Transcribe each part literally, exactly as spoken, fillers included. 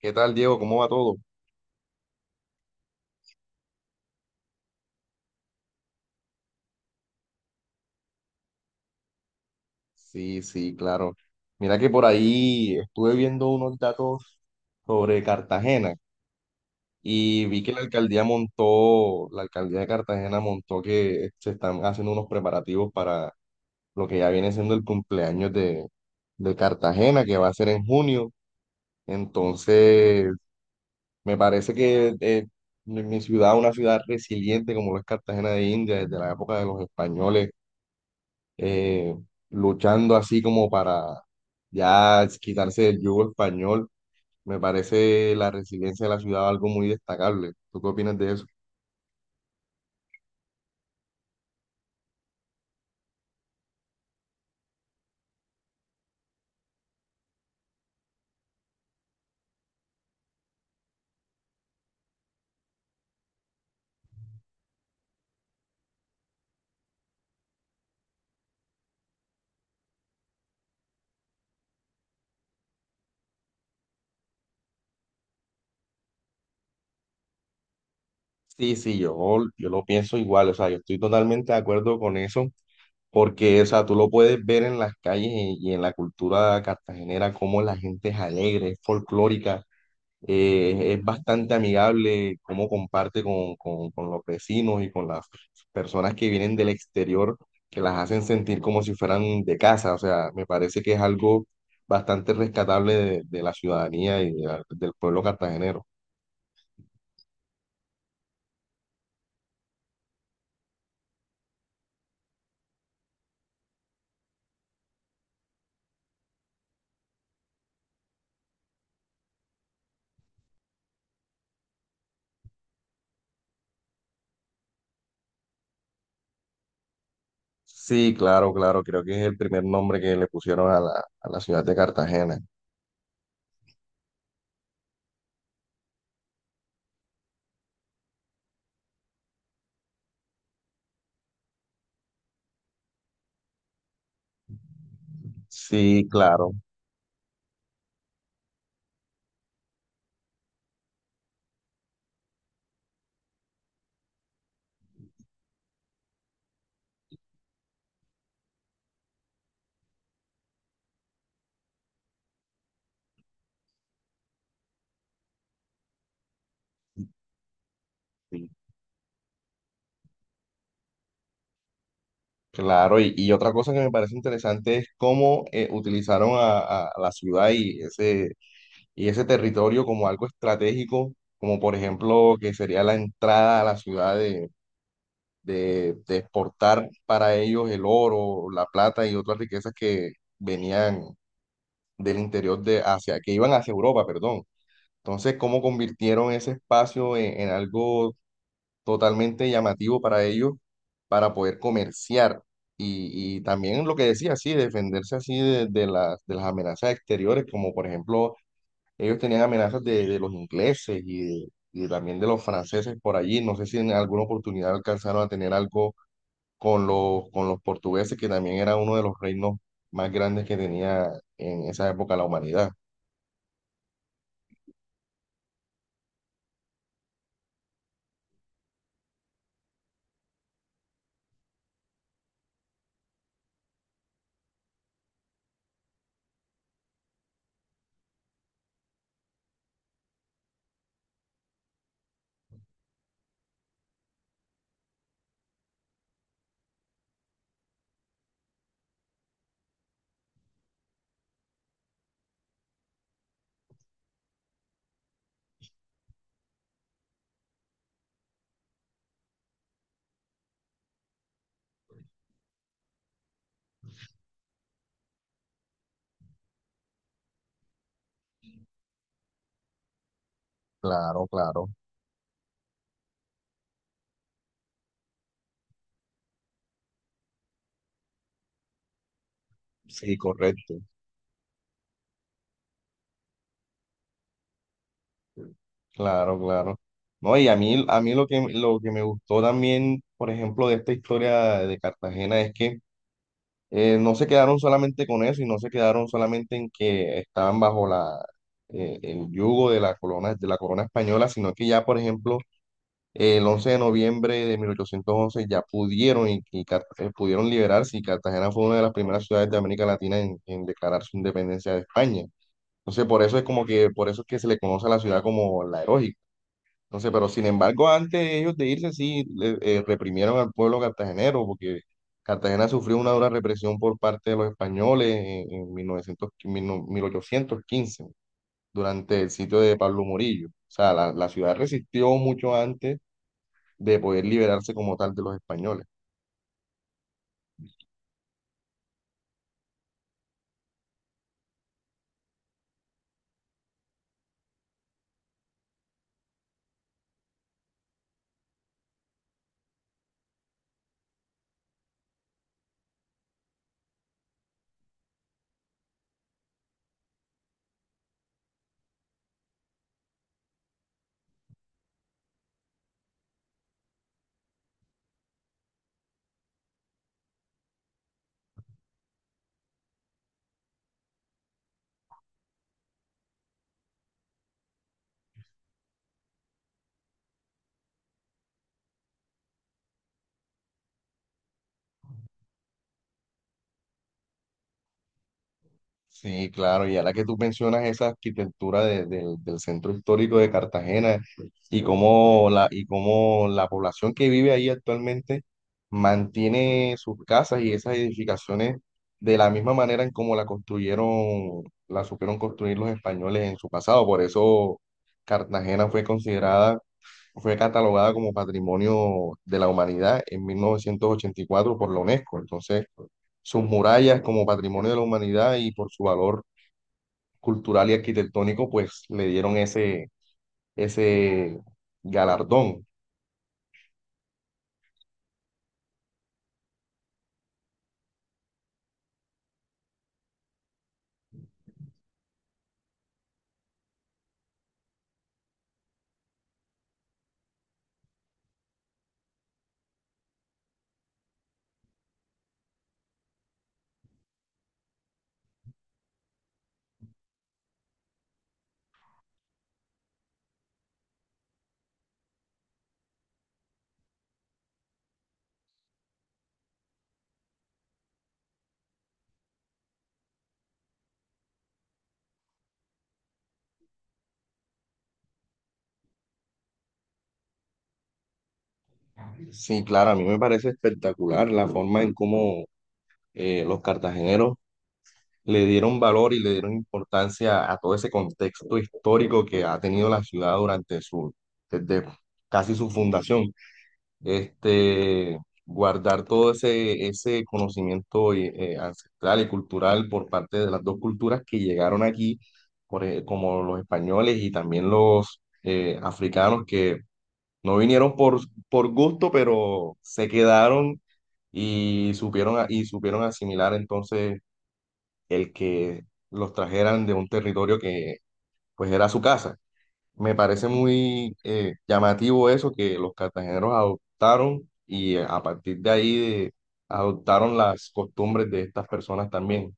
¿Qué tal, Diego? ¿Cómo va todo? Sí, sí, claro. Mira que por ahí estuve viendo unos datos sobre Cartagena y vi que la alcaldía montó, la alcaldía de Cartagena montó que se están haciendo unos preparativos para lo que ya viene siendo el cumpleaños de, de Cartagena, que va a ser en junio. Entonces, me parece que eh, mi mi ciudad, una ciudad resiliente como lo es Cartagena de India, desde la época de los españoles eh, luchando así como para ya quitarse del yugo español. Me parece la resiliencia de la ciudad algo muy destacable. ¿Tú qué opinas de eso? Sí, sí, yo, yo lo pienso igual, o sea, yo estoy totalmente de acuerdo con eso, porque, o sea, tú lo puedes ver en las calles y y en la cultura cartagenera, cómo la gente es alegre, es folclórica, eh, es bastante amigable, cómo comparte con, con- con los vecinos y con las personas que vienen del exterior, que las hacen sentir como si fueran de casa. O sea, me parece que es algo bastante rescatable de, de la ciudadanía y de la- del pueblo cartagenero. Sí, claro, claro, creo que es el primer nombre que le pusieron a la, a la ciudad de Cartagena. Sí, claro, sí, claro. Y, y otra cosa que me parece interesante es cómo eh, utilizaron a, a- a la ciudad y ese, y ese territorio como algo estratégico, como por ejemplo que sería la entrada a la ciudad de, de, de exportar para ellos el oro, la plata y otras riquezas que venían del interior de Asia, que iban hacia Europa, perdón. Entonces, ¿cómo convirtieron ese espacio en, en algo totalmente llamativo para ellos para poder comerciar? Y, y también lo que decía, sí, defenderse así de, de las, de las amenazas exteriores, como por ejemplo ellos tenían amenazas de, de los ingleses y, de- y también de los franceses por allí. No sé si en alguna oportunidad alcanzaron a tener algo con los, con los portugueses, que también era uno de los reinos más grandes que tenía en esa época la humanidad. Claro, claro. Sí, correcto. Claro, claro. No, y a mí, a mí lo que, lo que me gustó también, por ejemplo, de esta historia de Cartagena es que eh, no se quedaron solamente con eso y no se quedaron solamente en que estaban bajo la, eh, el yugo de la corona, de la corona española, sino que ya, por ejemplo, el once de noviembre de mil ochocientos once ya pudieron, y, y Car- eh, pudieron liberarse y Cartagena fue una de las primeras ciudades de América Latina en, en declarar su independencia de España. Entonces, por eso es como que, por eso es que se le conoce a la ciudad como la heroica. Entonces, pero sin embargo, antes de ellos de irse, sí, le- eh, reprimieron al pueblo cartagenero, porque Cartagena sufrió una dura represión por parte de los españoles en, en mil novecientos mil- no- mil ochocientos quince durante el sitio de Pablo Morillo. O sea, la, la ciudad resistió mucho antes de poder liberarse como tal de los españoles. Sí, claro, y ahora que tú mencionas esa arquitectura de- del del centro histórico de Cartagena y cómo la, y cómo la población que vive ahí actualmente mantiene sus casas y esas edificaciones de la misma manera en cómo la construyeron, la supieron construir los españoles en su pasado. Por eso Cartagena fue considerada fue catalogada como Patrimonio de la Humanidad en mil novecientos ochenta y cuatro por la UNESCO. Entonces, sus murallas como Patrimonio de la Humanidad y por su valor cultural y arquitectónico, pues le dieron ese, ese galardón. Sí, claro, a mí me parece espectacular la forma en cómo eh, los cartageneros le dieron valor y le dieron importancia a todo ese contexto histórico que ha tenido la ciudad durante su, desde casi su fundación. Este, guardar todo ese, ese conocimiento y, eh, ancestral y cultural por parte de las dos culturas que llegaron aquí, por e- como los españoles y también los eh, africanos que no vinieron por, por gusto, pero se quedaron y supieron, a- y supieron asimilar entonces el que los trajeran de un territorio que pues era su casa. Me parece muy eh, llamativo eso que los cartageneros adoptaron y eh, a partir de ahí de- adoptaron las costumbres de estas personas también.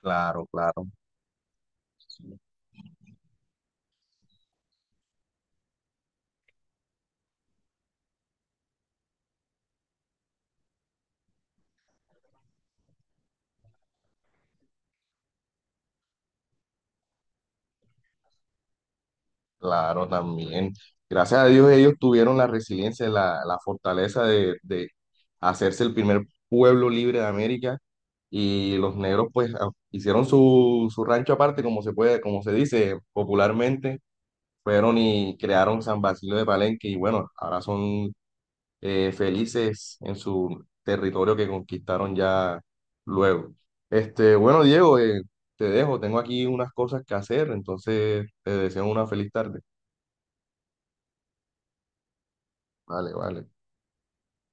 Claro, claro, claro, también. Gracias a Dios ellos tuvieron la resiliencia, la, la fortaleza de, de hacerse el primer pueblo libre de América y los negros pues a- hicieron su, su rancho aparte, como se puede, como se dice popularmente, fueron y crearon San Basilio de Palenque y bueno, ahora son eh, felices en su territorio que conquistaron ya luego. Este, bueno, Diego, eh, te dejo, tengo aquí unas cosas que hacer, entonces te deseo una feliz tarde. Vale, vale.